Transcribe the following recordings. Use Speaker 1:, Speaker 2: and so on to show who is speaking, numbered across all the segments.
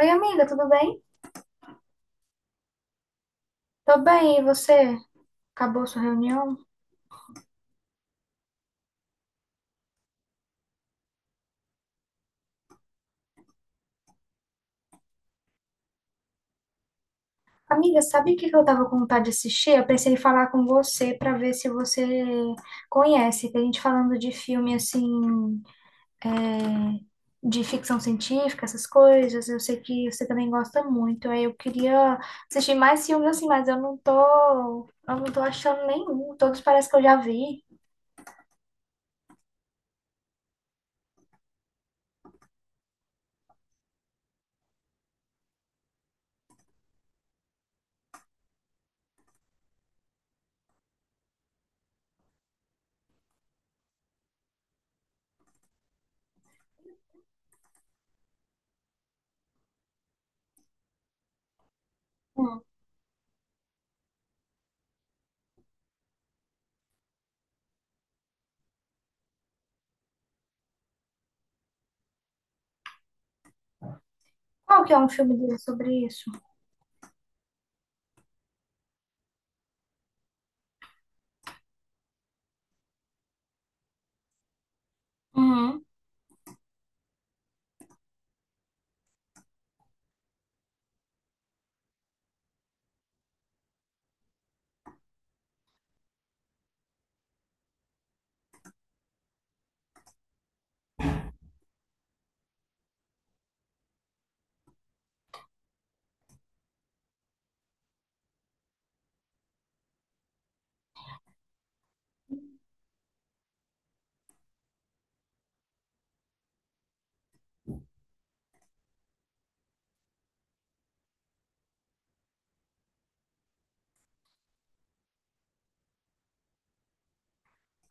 Speaker 1: Oi, amiga, tudo bem? Tô bem, e você? Acabou sua reunião? Amiga, sabe o que que eu tava com vontade de assistir? Eu pensei em falar com você pra ver se você conhece. Que a gente falando de filme assim, de ficção científica, essas coisas, eu sei que você também gosta muito. Aí eu queria assistir mais filmes assim, mas eu não tô achando nenhum. Todos parece que eu já vi. Hum. Qual que é um filme dele sobre isso? Uhum.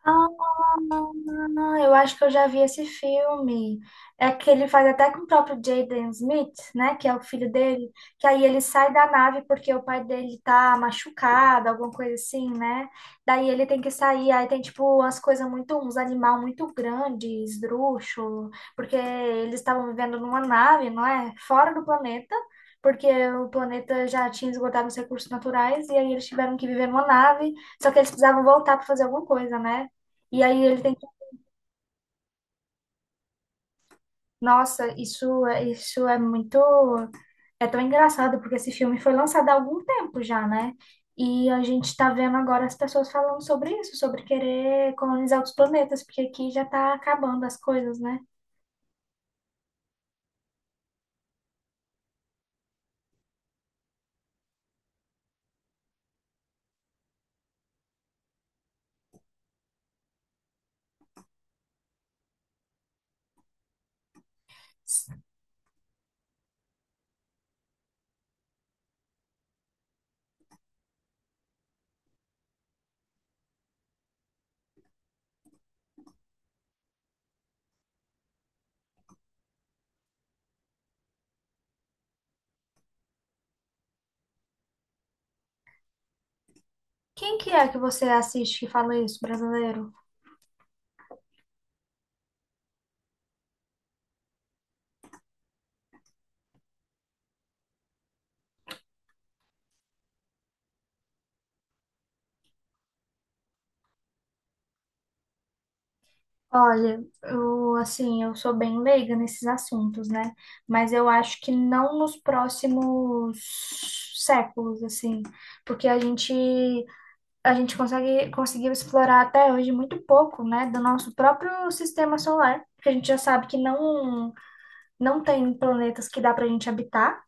Speaker 1: Ah, eu acho que eu já vi esse filme. É que ele faz até com o próprio Jaden Smith, né? Que é o filho dele. Que aí ele sai da nave porque o pai dele tá machucado, alguma coisa assim, né? Daí ele tem que sair. Aí tem, tipo, umas coisas muito... Uns animal muito grandes, esdrúxulo. Porque eles estavam vivendo numa nave, não é? Fora do planeta. Porque o planeta já tinha esgotado os recursos naturais. E aí eles tiveram que viver numa nave. Só que eles precisavam voltar para fazer alguma coisa, né? E aí ele tem que... Nossa, isso, isso é muito... É tão engraçado, porque esse filme foi lançado há algum tempo já, né? E a gente tá vendo agora as pessoas falando sobre isso, sobre querer colonizar outros planetas, porque aqui já tá acabando as coisas, né? Quem que é que você assiste que fala isso, brasileiro? Olha, eu, assim, eu sou bem leiga nesses assuntos, né? Mas eu acho que não nos próximos séculos, assim, porque a gente consegue, conseguiu explorar até hoje muito pouco, né, do nosso próprio sistema solar, porque a gente já sabe que não tem planetas que dá para a gente habitar,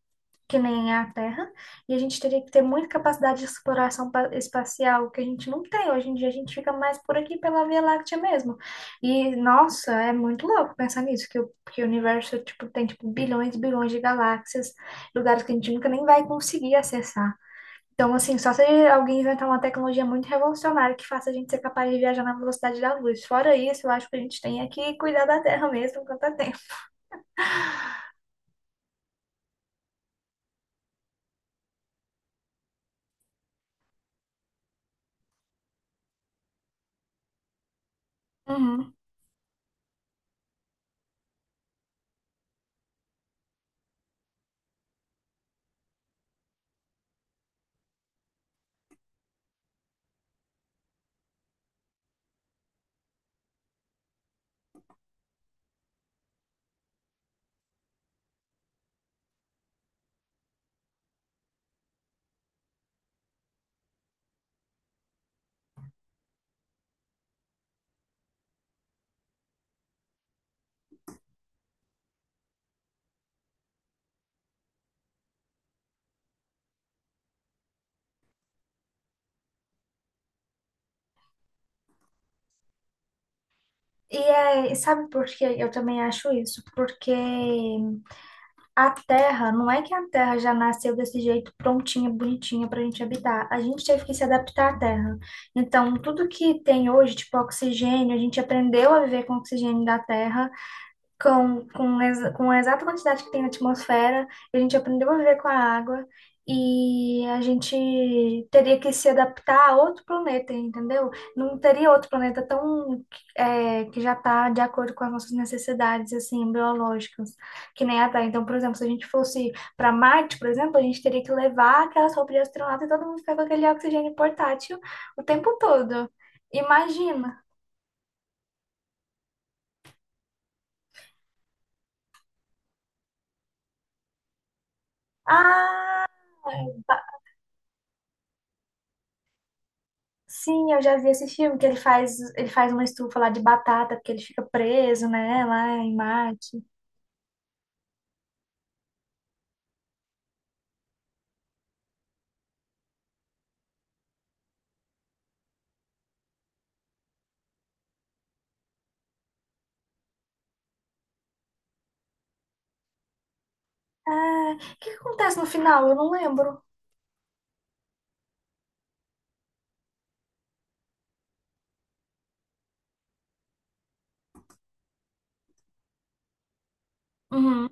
Speaker 1: que nem a Terra, e a gente teria que ter muita capacidade de exploração pa- espacial, que a gente não tem. Hoje em dia a gente fica mais por aqui pela Via Láctea mesmo. E, nossa, é muito louco pensar nisso, que que o universo, tipo, tem, tipo, bilhões e bilhões de galáxias, lugares que a gente nunca nem vai conseguir acessar. Então, assim, só se alguém inventar uma tecnologia muito revolucionária que faça a gente ser capaz de viajar na velocidade da luz. Fora isso, eu acho que a gente tem é que cuidar da Terra mesmo enquanto há tempo. Uhum. E é, e sabe por que eu também acho isso? Porque a Terra, não é que a Terra já nasceu desse jeito prontinha, bonitinha pra gente habitar. A gente teve que se adaptar à Terra. Então, tudo que tem hoje, tipo oxigênio, a gente aprendeu a viver com oxigênio da Terra. Com a exata quantidade que tem na atmosfera, a gente aprendeu a viver com a água e a gente teria que se adaptar a outro planeta, entendeu? Não teria outro planeta tão é, que já está de acordo com as nossas necessidades assim biológicas, que nem a Terra. Então, por exemplo, se a gente fosse para Marte, por exemplo, a gente teria que levar aquelas roupas de astronauta e todo mundo ficar com aquele oxigênio portátil o tempo todo. Imagina. Ah, sim, eu já vi esse filme que ele faz uma estufa lá de batata, porque ele fica preso, né, lá em Marte. Ah, o que que acontece no final? Eu não lembro. Uhum,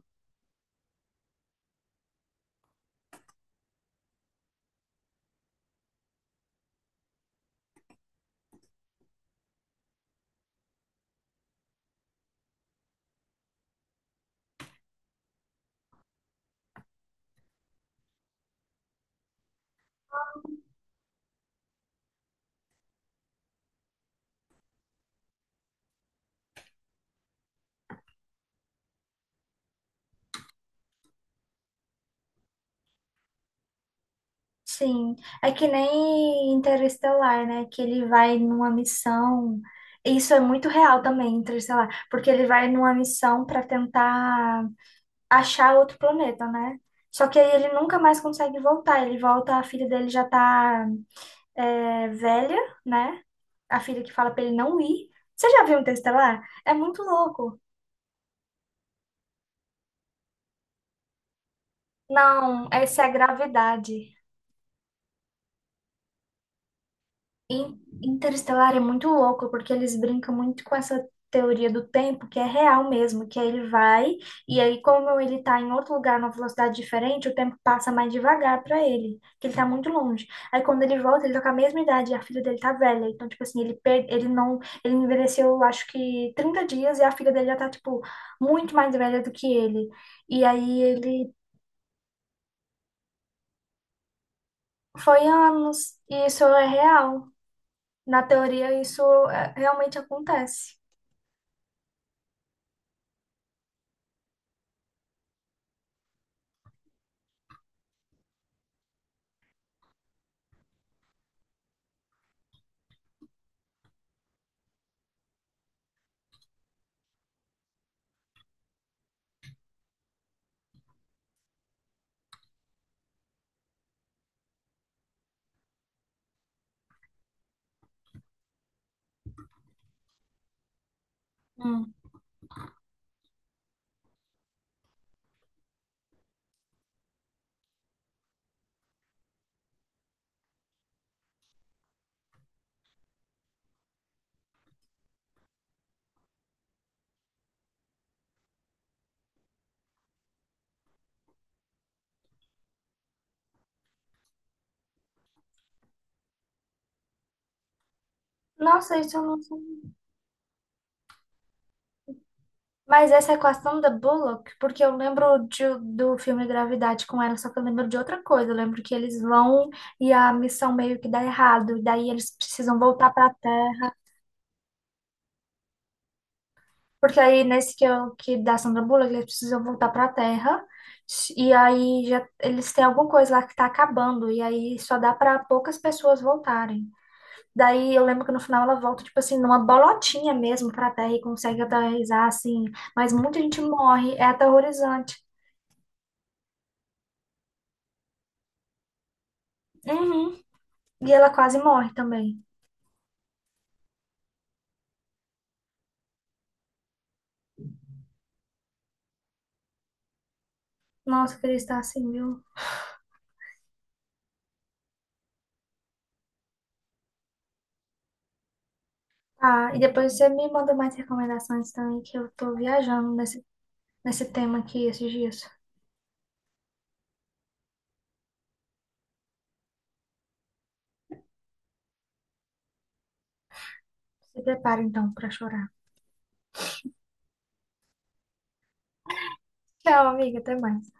Speaker 1: sim. É que nem Interestelar, né, que ele vai numa missão. Isso é muito real também, Interestelar, porque ele vai numa missão para tentar achar outro planeta, né? Só que aí ele nunca mais consegue voltar. Ele volta, a filha dele já tá, é, velha, né? A filha que fala pra ele não ir. Você já viu um texto lá? É muito louco. Não, essa é a gravidade. In- Interestelar é muito louco, porque eles brincam muito com essa teoria do tempo, que é real mesmo, que aí ele vai, e aí como ele tá em outro lugar, numa velocidade diferente, o tempo passa mais devagar pra ele, que ele tá muito longe. Aí quando ele volta, ele tá com a mesma idade, e a filha dele tá velha, então, tipo assim, ele, per- ele não, ele envelheceu, acho que 30 dias, e a filha dele já tá, tipo, muito mais velha do que ele. E aí ele foi anos, e isso é real. Na teoria, isso é, realmente acontece. Nossa, isso eu não sei. Mas essa equação da Bullock, porque eu lembro de- do filme Gravidade com ela, só que eu lembro de outra coisa. Eu lembro que eles vão e a missão meio que dá errado, e daí eles precisam voltar para a Terra. Porque aí nesse que, eu, que da Sandra Bullock, eles precisam voltar para a Terra, e aí já, eles têm alguma coisa lá que tá acabando, e aí só dá para poucas pessoas voltarem. Daí eu lembro que no final ela volta, tipo assim, numa bolotinha mesmo pra terra e consegue aterrissar, assim. Mas muita gente morre, é aterrorizante. Uhum. E ela quase morre também. Nossa, eu queria estar assim, viu? Ah, e depois você me manda mais recomendações também, que eu tô viajando nesse tema aqui esses dias. Se prepara então pra chorar. Tchau, amiga, até mais.